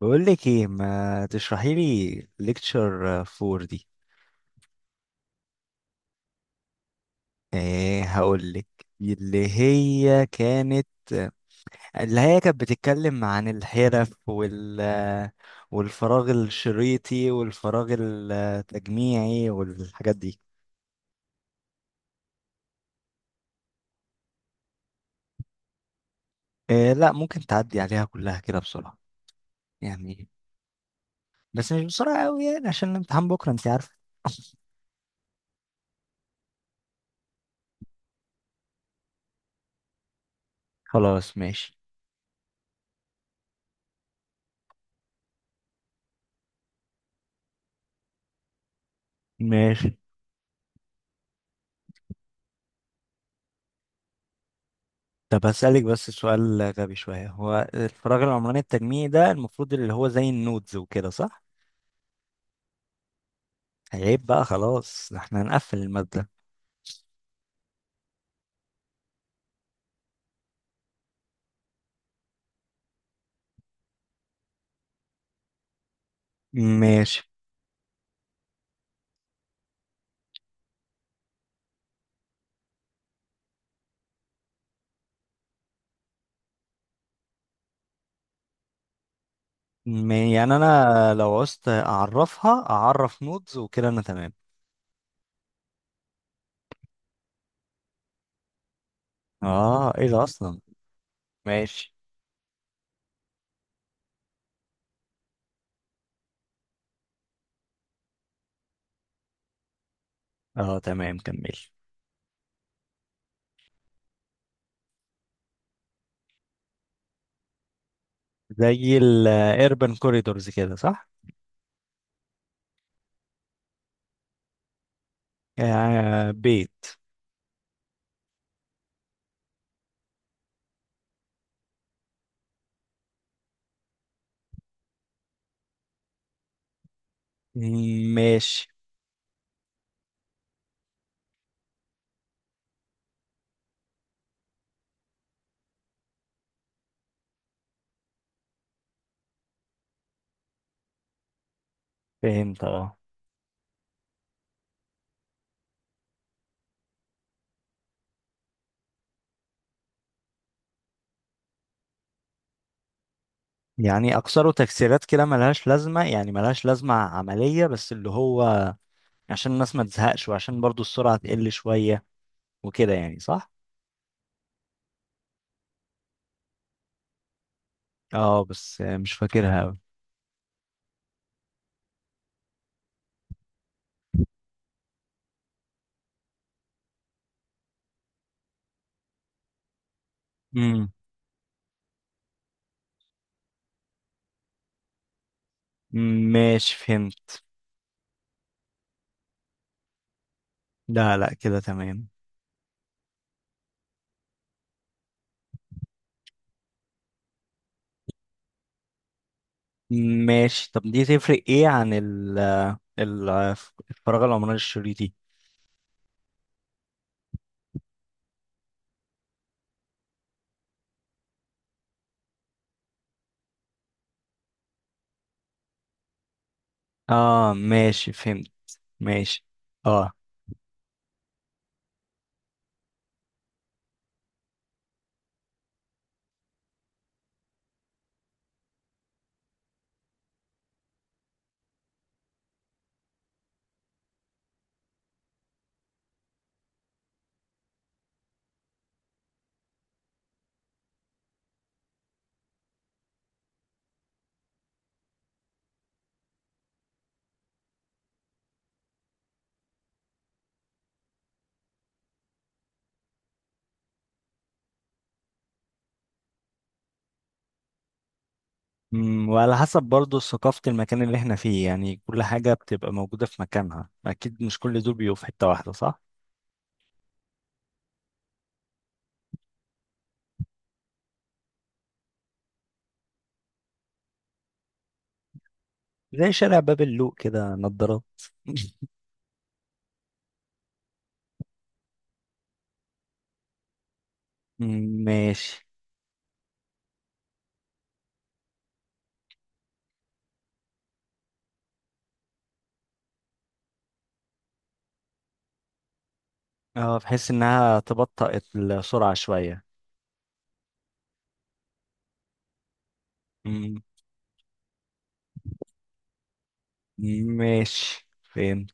بقول لك ايه؟ ما تشرحي لي ليكتشر 4 دي. ايه، هقول لك. اللي هي كانت اللي هي كانت بتتكلم عن الحرف والفراغ الشريطي والفراغ التجميعي والحاجات دي. إيه، لا، ممكن تعدي عليها كلها كده بسرعة؟ يعني بس مش بسرعة قوي يعني، عشان الامتحان بكرة، انت عارفة. خلاص، ماشي ماشي. طب هسألك بس سؤال غبي شوية: هو الفراغ العمراني التجميعي ده المفروض اللي هو زي النودز وكده، صح؟ عيب بقى، خلاص احنا هنقفل المادة. ماشي. يعني انا لو عوزت اعرفها اعرف نودز وكده انا تمام. اه، ايه ده اصلا؟ ماشي. اه تمام، كمل. زي الاربن كوريدورز كده، صح؟ آه، بيت. ماشي، فهمت، اه. يعني اكثره تكسيرات كده ملهاش لازمة، يعني ملهاش لازمة عملية، بس اللي هو عشان الناس ما تزهقش وعشان برضو السرعة تقل شوية وكده يعني، صح؟ اه، بس مش فاكرها أوي. امم ماشي، فهمت. لا لا، كده تمام. ماشي. طب دي تفرق ايه عن ال- الفراغ العمراني الشريطي؟ اه ماشي، فهمت. ماشي. اه. وعلى حسب برضو ثقافة المكان اللي احنا فيه، يعني كل حاجة بتبقى موجودة في مكانها أكيد، مش كل دول بيبقوا في حتة واحدة، صح؟ زي شارع باب اللوق كده، نضارات. ماشي. اه، بحيث انها تبطئ السرعة شوية. مم. ماشي. فين؟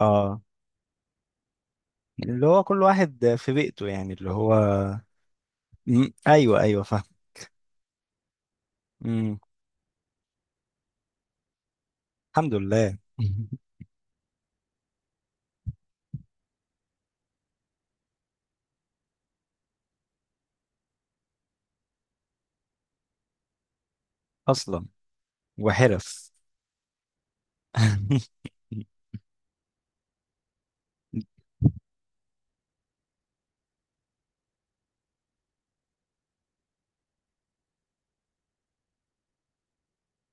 اه، اللي هو كل واحد في بيئته، يعني اللي هو. مم، ايوه ايوه، فاهم. مم. الحمد لله. اصلا؟ وحرف.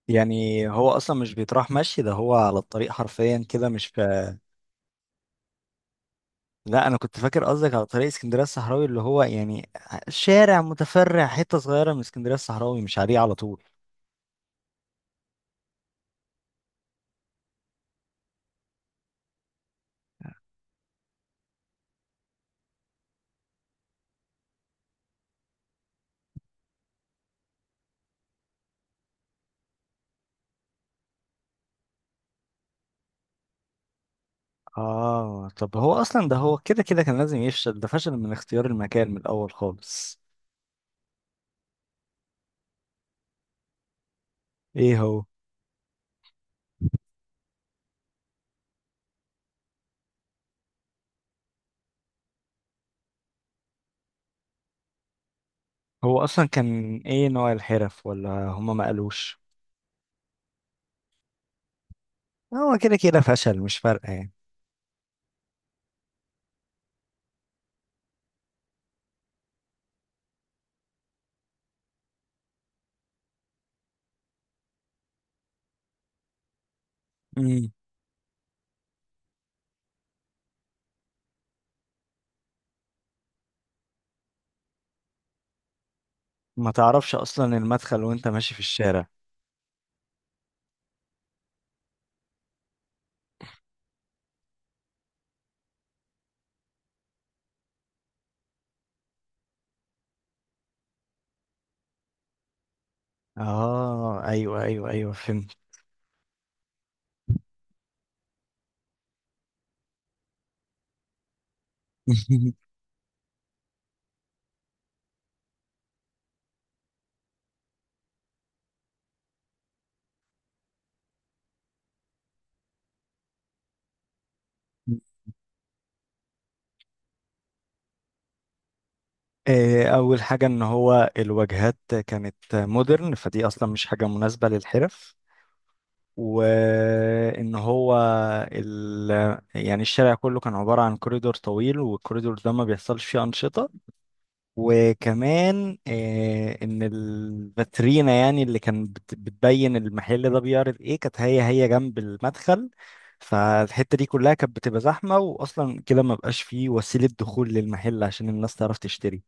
يعني هو اصلا مش بيتراح مشي، ده هو على الطريق حرفيا كده مش لا، انا كنت فاكر قصدك على طريق اسكندريه الصحراوي اللي هو يعني شارع متفرع، حته صغيره من اسكندريه الصحراوي، مش عليه على طول. اه، طب هو اصلا ده هو كده كده كان لازم يفشل، ده فشل من اختيار المكان من الاول خالص. ايه هو؟ هو اصلا كان ايه نوع الحرف، ولا هما ما قالوش؟ هو كده كده فشل، مش فارقه يعني. امم ما تعرفش اصلا المدخل وانت ماشي في الشارع. اه ايوه ايوه ايوه، فهمت. إيه، اول حاجه ان هو الواجهات كانت مودرن، فدي اصلا مش حاجه مناسبه للحرف. وان هو ال... يعني الشارع كله كان عبارة عن كوريدور طويل، والكوريدور ده ما بيحصلش فيه أنشطة. وكمان ان الفاترينا يعني اللي كان بتبين المحل ده بيعرض ايه، كانت هي جنب المدخل. فالحتة دي كلها كانت بتبقى زحمة، واصلا كده ما بقاش فيه وسيلة دخول للمحل عشان الناس تعرف تشتري.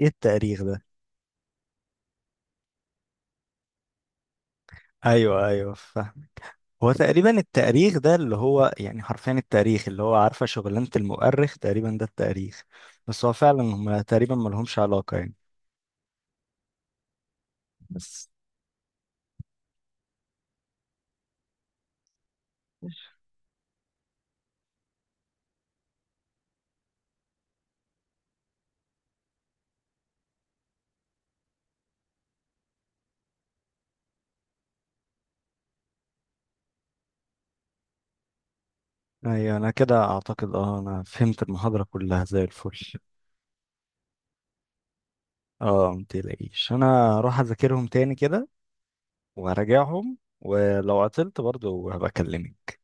ايه التاريخ ده؟ ايوه ايوه، هو تقريبا التأريخ ده اللي هو يعني حرفيا التاريخ، اللي هو عارفة شغلانة المؤرخ تقريبا، ده التاريخ. بس هو فعلا هم تقريبا ملهمش علاقة يعني. بس. ايوه، انا كده اعتقد اه انا فهمت المحاضرة كلها زي الفل. اه، متقلقيش انا هروح اذاكرهم تاني كده. وهراجعهم ولو عطلت برضه هبقى اكلمك.